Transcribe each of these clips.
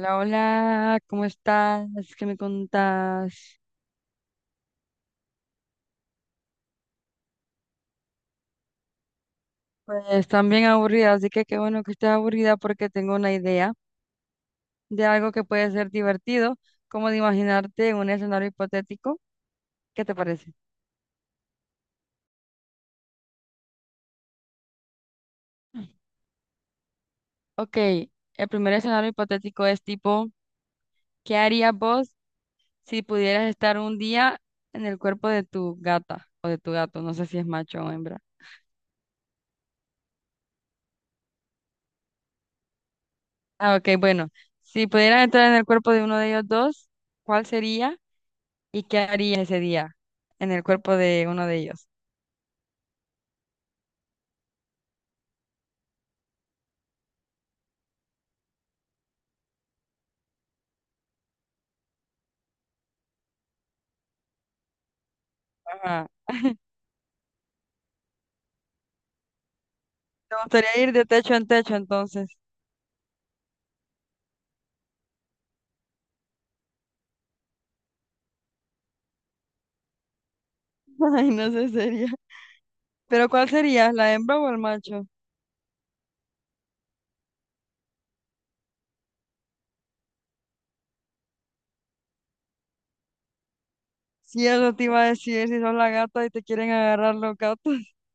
Hola, hola, ¿cómo estás? ¿Qué me contás? Pues también aburrida, así que qué bueno que estés aburrida porque tengo una idea de algo que puede ser divertido, como de imaginarte un escenario hipotético. ¿Qué te parece? Ok, el primer escenario hipotético es tipo, ¿qué harías vos si pudieras estar un día en el cuerpo de tu gata o de tu gato? No sé si es macho o hembra. Ah, ok, bueno, si pudieras entrar en el cuerpo de uno de ellos dos, ¿cuál sería? ¿Y qué harías ese día en el cuerpo de uno de ellos? Ajá. Me gustaría ir de techo en techo entonces. Ay, no sé, sería. ¿Pero cuál sería? ¿La hembra o el macho? Si eso te iba a decir, si sos la gata y te quieren agarrar los gatos,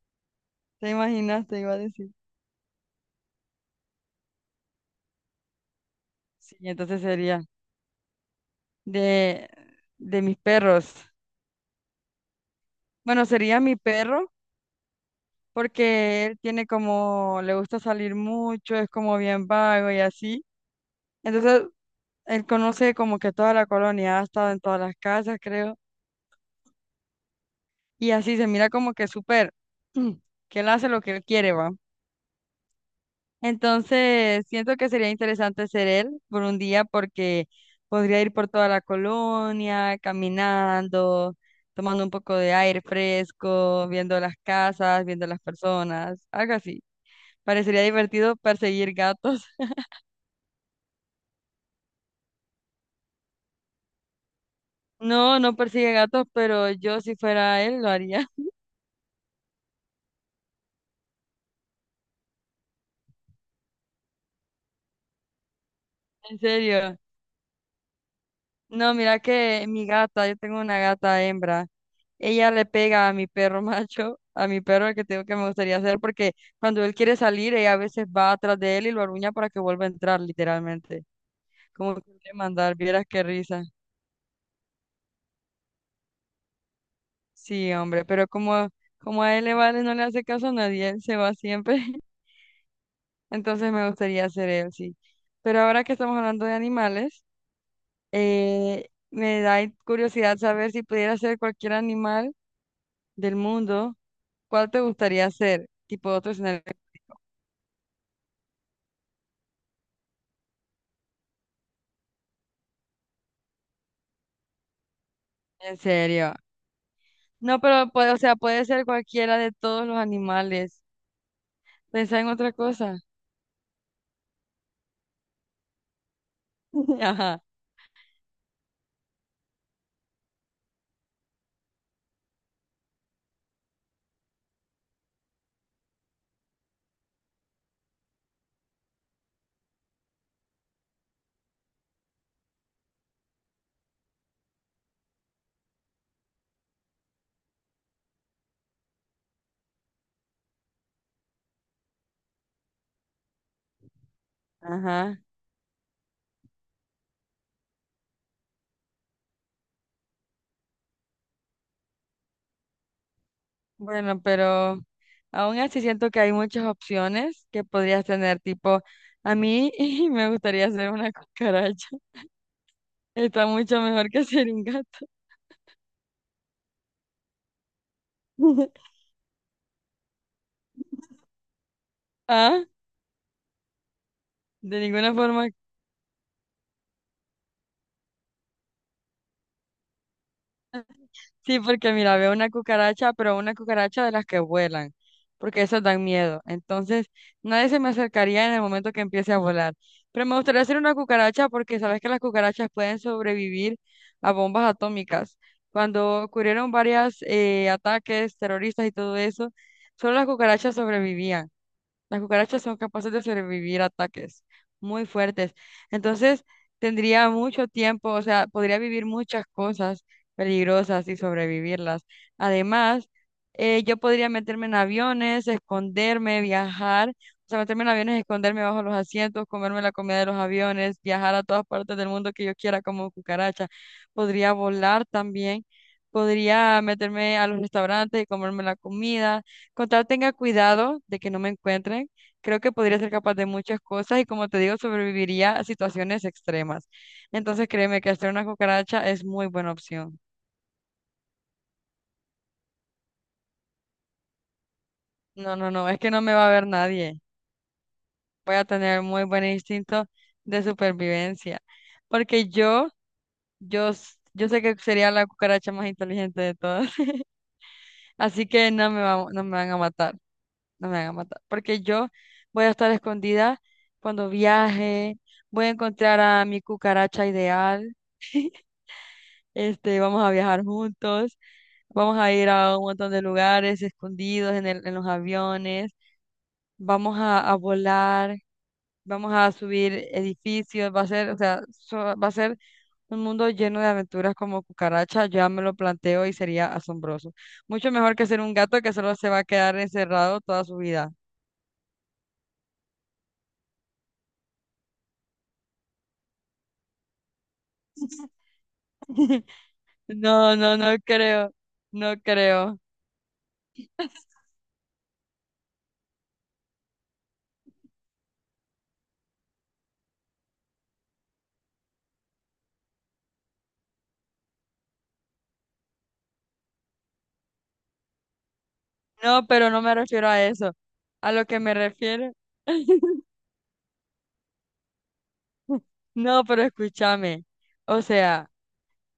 te imaginas, te iba a decir. Sí, entonces sería de, de mis perros. Bueno, sería mi perro, porque él tiene como, le gusta salir mucho, es como bien vago y así. Entonces él conoce como que toda la colonia, ha estado en todas las casas, creo. Y así se mira como que súper, mm, que él hace lo que él quiere, va. Entonces, siento que sería interesante ser él por un día porque podría ir por toda la colonia, caminando, tomando un poco de aire fresco, viendo las casas, viendo las personas, algo así. Parecería divertido perseguir gatos. No, no persigue gatos, pero yo si fuera él lo haría. En serio. No, mira que mi gata, yo tengo una gata hembra, ella le pega a mi perro macho, a mi perro el que tengo que me gustaría hacer, porque cuando él quiere salir, ella a veces va atrás de él y lo aruña para que vuelva a entrar, literalmente. Como que le mandar, vieras qué risa. Sí, hombre, pero como, como a él le vale, no le hace caso a nadie, él se va siempre. Entonces me gustaría hacer él, sí. Pero ahora que estamos hablando de animales, me da curiosidad saber si pudiera ser cualquier animal del mundo. ¿Cuál te gustaría hacer? Tipo otro escenario en serio. No, pero puede, o sea, puede ser cualquiera de todos los animales. Pensá en otra cosa. Ajá, ajá. Bueno, pero aún así siento que hay muchas opciones que podrías tener. Tipo, a mí me gustaría ser una cucaracha. Está mucho mejor que ser un gato. Ah, de ninguna forma. Sí, porque mira, veo una cucaracha, pero una cucaracha de las que vuelan, porque esas dan miedo. Entonces, nadie se me acercaría en el momento que empiece a volar. Pero me gustaría hacer una cucaracha porque sabes que las cucarachas pueden sobrevivir a bombas atómicas. Cuando ocurrieron varios ataques terroristas y todo eso, solo las cucarachas sobrevivían. Las cucarachas son capaces de sobrevivir a ataques muy fuertes. Entonces, tendría mucho tiempo, o sea, podría vivir muchas cosas peligrosas y sobrevivirlas. Además, yo podría meterme en aviones, esconderme, viajar, o sea, meterme en aviones, esconderme bajo los asientos, comerme la comida de los aviones, viajar a todas partes del mundo que yo quiera como cucaracha. Podría volar también, podría meterme a los restaurantes y comerme la comida con tal tenga cuidado de que no me encuentren, creo que podría ser capaz de muchas cosas y como te digo, sobreviviría a situaciones extremas. Entonces créeme que hacer una cucaracha es muy buena opción. No, no, no, es que no me va a ver nadie. Voy a tener muy buen instinto de supervivencia. Porque yo sé que sería la cucaracha más inteligente de todas. Así que no me van a matar. No me hagan matar, porque yo voy a estar escondida cuando viaje, voy a encontrar a mi cucaracha ideal, este, vamos a viajar juntos, vamos a ir a un montón de lugares escondidos en los aviones, vamos a volar, vamos a subir edificios, va a ser un mundo lleno de aventuras como cucaracha, ya me lo planteo y sería asombroso. Mucho mejor que ser un gato que solo se va a quedar encerrado toda su vida. No, no, no creo, no creo. No, pero no me refiero a eso. A lo que me refiero. No, pero escúchame. O sea,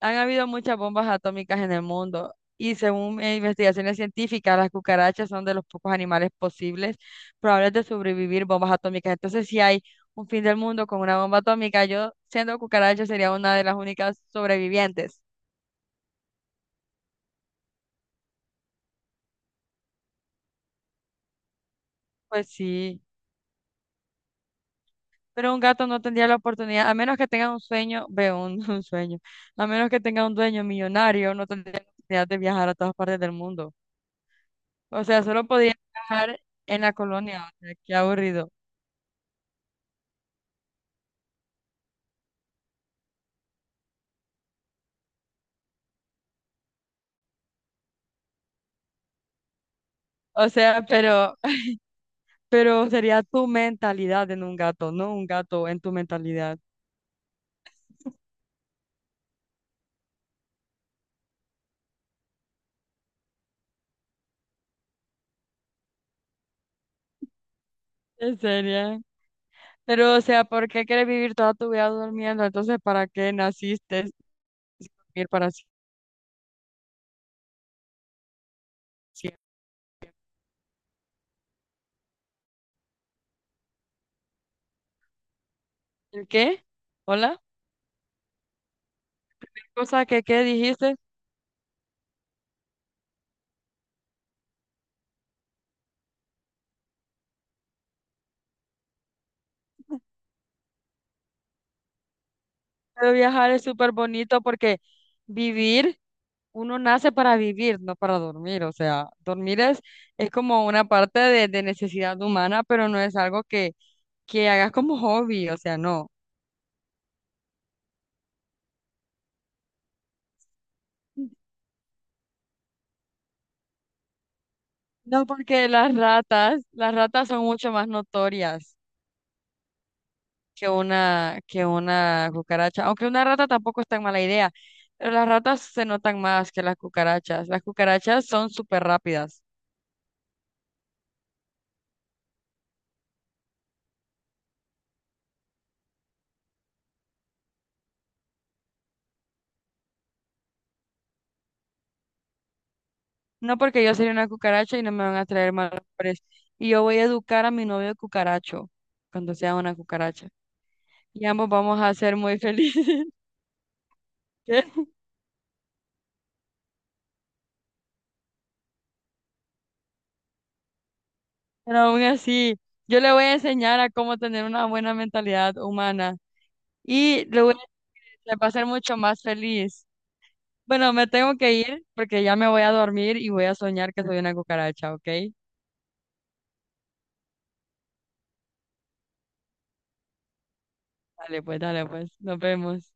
han habido muchas bombas atómicas en el mundo y según investigaciones científicas, las cucarachas son de los pocos animales posibles probables de sobrevivir bombas atómicas. Entonces, si hay un fin del mundo con una bomba atómica, yo siendo cucaracha sería una de las únicas sobrevivientes. Pues sí. Pero un gato no tendría la oportunidad, a menos que tenga un sueño, veo un, un sueño, a menos que tenga un dueño millonario, no tendría la oportunidad de viajar a todas partes del mundo. O sea, solo podía viajar en la colonia, o sea, qué aburrido. O sea, pero, pero sería tu mentalidad en un gato, no un gato en tu mentalidad. En serio. Pero, o sea, ¿por qué quieres vivir toda tu vida durmiendo? Entonces, ¿para qué naciste? Si dormir para sie- siempre? ¿El qué? ¿Hola? ¿Cosa que qué dijiste? Pero viajar es súper bonito porque vivir, uno nace para vivir, no para dormir. O sea, dormir es como una parte de necesidad humana, pero no es algo que hagas como hobby. O sea, no. No, porque las ratas son mucho más notorias que una cucaracha. Aunque una rata tampoco es tan mala idea, pero las ratas se notan más que las cucarachas. Las cucarachas son súper rápidas. No porque yo sería una cucaracha y no me van a traer malos olores. Y yo voy a educar a mi novio cucaracho cuando sea una cucaracha. Y ambos vamos a ser muy felices. ¿Qué? Pero aún así, yo le voy a enseñar a cómo tener una buena mentalidad humana y le voy a, le va a hacer mucho más feliz. Bueno, me tengo que ir porque ya me voy a dormir y voy a soñar que soy una cucaracha, ¿ok? Dale pues, dale pues. Nos vemos.